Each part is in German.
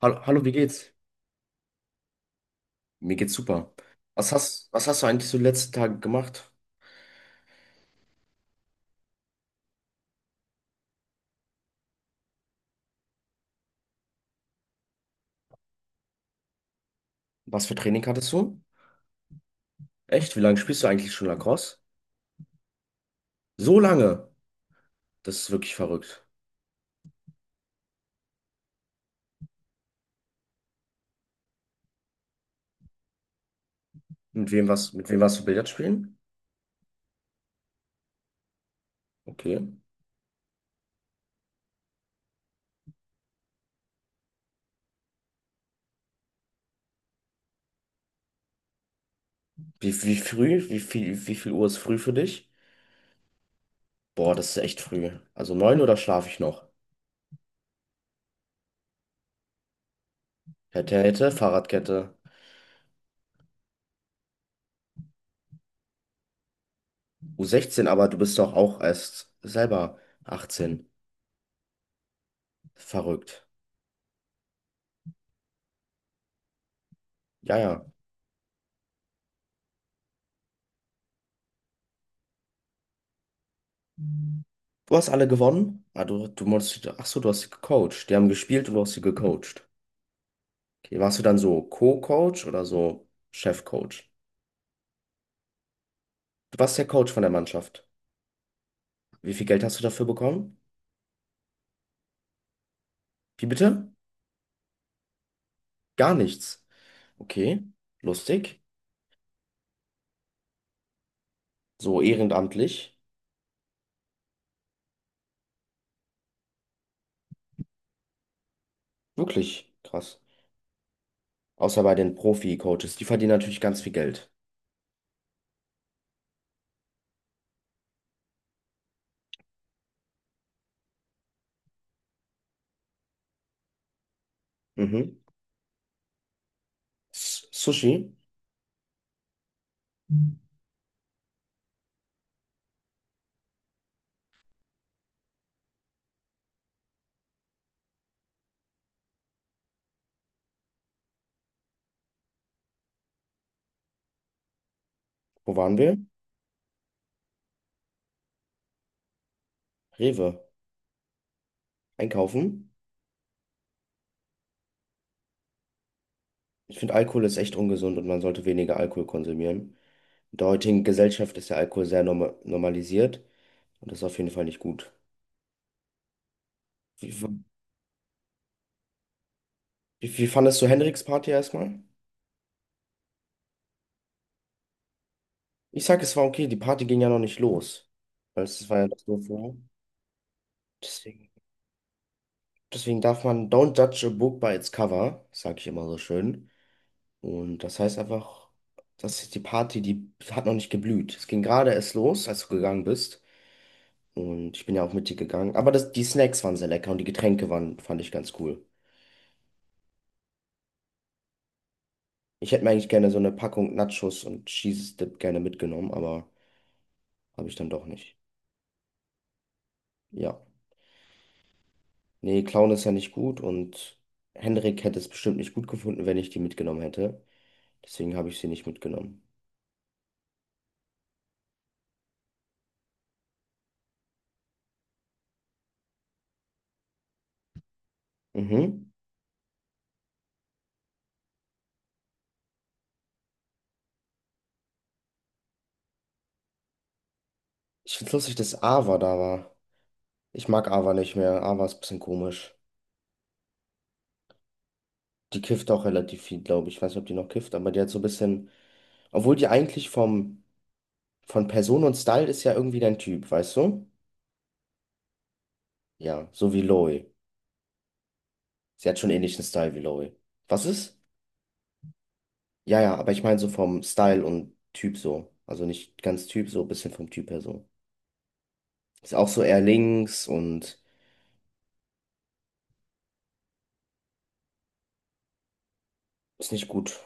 Hallo, hallo, wie geht's? Mir geht's super. Was hast du eigentlich so die letzten Tage gemacht? Was für Training hattest du? Echt? Wie lange spielst du eigentlich schon Lacrosse? So lange? Das ist wirklich verrückt. Mit wem warst du Billard spielen? Okay. Wie früh? Wie viel Uhr ist früh für dich? Boah, das ist echt früh. Also neun oder schlafe ich noch? Hätte, hätte, Fahrradkette. U16, aber du bist doch auch erst selber 18. Verrückt. Ja, ja. Du hast alle gewonnen? Ah, du musst, ach so, du hast sie gecoacht. Die haben gespielt und du hast sie gecoacht. Okay, warst du dann so Co-Coach oder so Chef-Coach? Du warst der Coach von der Mannschaft. Wie viel Geld hast du dafür bekommen? Wie bitte? Gar nichts. Okay, lustig. So ehrenamtlich. Wirklich krass. Außer bei den Profi-Coaches. Die verdienen natürlich ganz viel Geld. Mhm. S Sushi. Wo waren wir? Rewe. Einkaufen. Ich finde, Alkohol ist echt ungesund und man sollte weniger Alkohol konsumieren. In der heutigen Gesellschaft ist der Alkohol sehr normalisiert und das ist auf jeden Fall nicht gut. Wie, wie fandest du Henriks Party erstmal? Ich sag, es war okay, die Party ging ja noch nicht los. Weil es war ja das nur vorher. Deswegen, deswegen darf man don't judge a book by its cover, sag ich immer so schön. Und das heißt einfach, das ist die Party, die hat noch nicht geblüht. Es ging gerade erst los, als du gegangen bist. Und ich bin ja auch mit dir gegangen. Aber das, die Snacks waren sehr lecker und die Getränke waren, fand ich ganz cool. Ich hätte mir eigentlich gerne so eine Packung Nachos und Cheese Dip gerne mitgenommen, aber habe ich dann doch nicht. Ja. Nee, Clown ist ja nicht gut und Henrik hätte es bestimmt nicht gut gefunden, wenn ich die mitgenommen hätte. Deswegen habe ich sie nicht mitgenommen. Mhm. Ich find's lustig, dass Ava da war. Ich mag Ava nicht mehr. Ava ist ein bisschen komisch. Die kifft auch relativ viel, glaube ich. Ich weiß nicht, ob die noch kifft, aber die hat so ein bisschen. Obwohl die eigentlich von Person und Style ist ja irgendwie dein Typ, weißt du? Ja, so wie Loe. Sie hat schon ähnlichen Style wie Loe. Was ist? Ja, ja, aber ich meine so vom Style und Typ so. Also nicht ganz Typ, so ein bisschen vom Typ her so. Ist auch so eher links und ist nicht gut.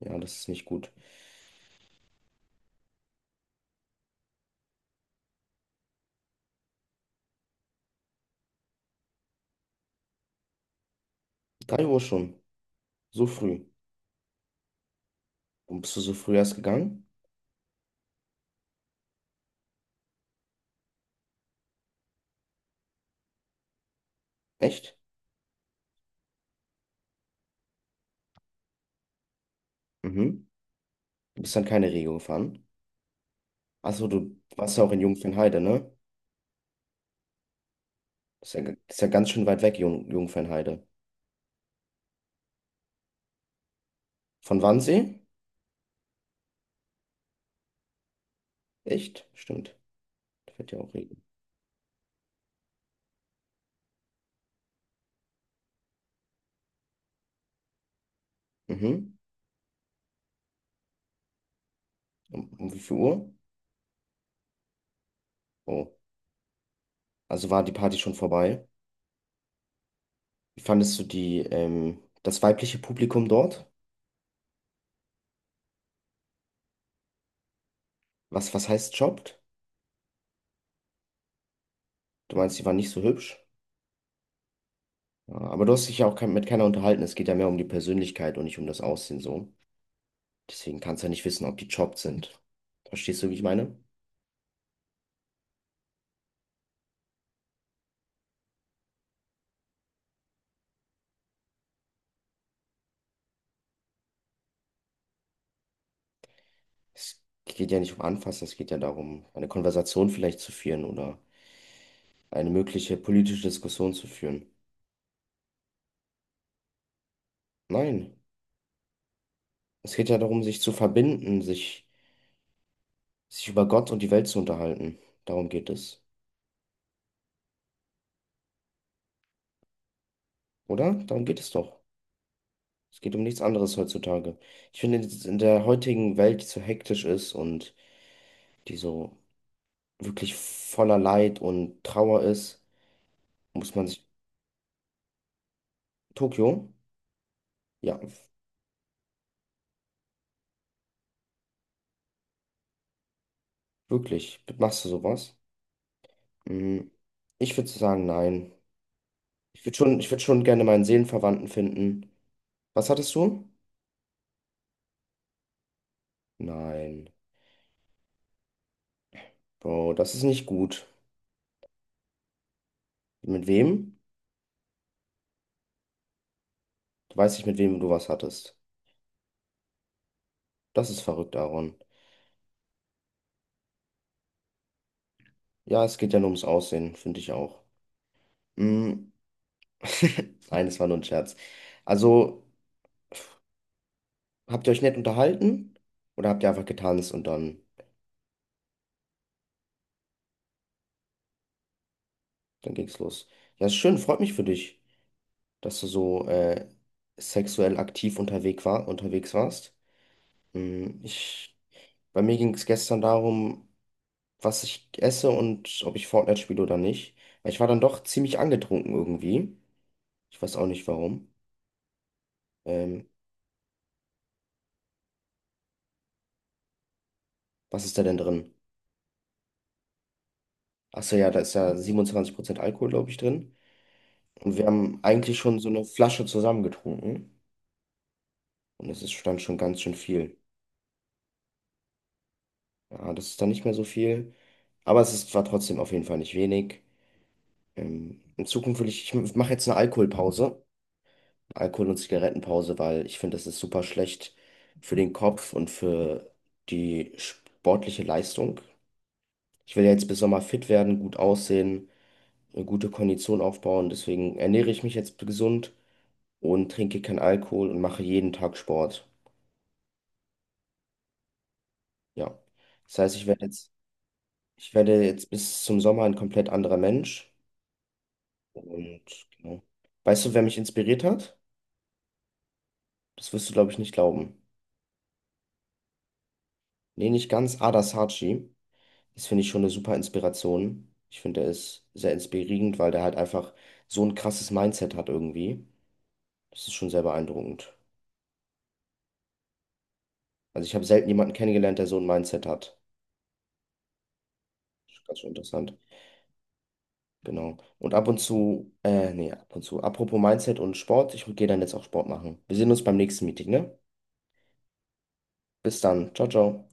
Ja, das ist nicht gut. 3 Uhr schon. So früh. Warum bist du so früh erst gegangen? Echt? Mhm. Du bist dann keine Regio gefahren. Achso, du warst ja auch in Jungfernheide, ne? Das ist ja ganz schön weit weg, Jungfernheide. Von Wannsee? Echt? Stimmt. Da wird ja auch Regen. Mhm. Um wie viel Uhr? Oh. Also war die Party schon vorbei? Wie fandest du die, das weibliche Publikum dort? Was heißt jobbt? Du meinst, die waren nicht so hübsch? Ja, aber du hast dich ja auch kein, mit keiner unterhalten. Es geht ja mehr um die Persönlichkeit und nicht um das Aussehen so. Deswegen kannst du ja nicht wissen, ob die jobbt sind. Verstehst du, wie ich meine? Es geht ja nicht um Anfassen, es geht ja darum, eine Konversation vielleicht zu führen oder eine mögliche politische Diskussion zu führen. Nein, es geht ja darum, sich zu verbinden, sich, sich über Gott und die Welt zu unterhalten. Darum geht es. Oder? Darum geht es doch. Es geht um nichts anderes heutzutage. Ich finde, dass es in der heutigen Welt, die so hektisch ist und die so wirklich voller Leid und Trauer ist, muss man sich. Tokio? Ja, wirklich. Machst du sowas? Mm, Ich würde sagen, nein. Ich würde schon gerne meinen Seelenverwandten finden. Was hattest du? Nein. Bro, das ist nicht gut. Mit wem? Du weißt nicht, mit wem du was hattest. Das ist verrückt, Aaron. Ja, es geht ja nur ums Aussehen, finde ich auch. Mm. Nein, das war nur ein Scherz. Also, habt ihr euch nett unterhalten oder habt ihr einfach getanzt und dann, dann ging's los? Ja, ist schön, freut mich für dich, dass du so sexuell aktiv unterwegs warst. Hm, Ich, bei mir ging es gestern darum, was ich esse und ob ich Fortnite spiele oder nicht. Weil Ich war dann doch ziemlich angetrunken irgendwie. Ich weiß auch nicht warum. Ähm, was ist da denn drin? Achso, ja, da ist ja 27% Alkohol, glaube ich, drin. Und wir haben eigentlich schon so eine Flasche zusammengetrunken. Und es ist dann schon ganz schön viel. Ja, das ist dann nicht mehr so viel. Aber es ist, war trotzdem auf jeden Fall nicht wenig. In Zukunft will ich mache jetzt eine Alkoholpause. Alkohol- und Zigarettenpause, weil ich finde, das ist super schlecht für den Kopf und für die sportliche Leistung. Ich will ja jetzt bis Sommer fit werden, gut aussehen, eine gute Kondition aufbauen. Deswegen ernähre ich mich jetzt gesund und trinke keinen Alkohol und mache jeden Tag Sport. Ja. Das heißt, ich werde jetzt bis zum Sommer ein komplett anderer Mensch. Und genau. Weißt du, wer mich inspiriert hat? Das wirst du, glaube ich, nicht glauben. Nee, nicht ganz. Ada Sarchi. Das finde ich schon eine super Inspiration. Ich finde, der ist sehr inspirierend, weil der halt einfach so ein krasses Mindset hat irgendwie. Das ist schon sehr beeindruckend. Also ich habe selten jemanden kennengelernt, der so ein Mindset hat. Ganz schön interessant. Genau. Und ab und zu, nee, ab und zu. Apropos Mindset und Sport, ich gehe dann jetzt auch Sport machen. Wir sehen uns beim nächsten Meeting, ne? Bis dann. Ciao, ciao.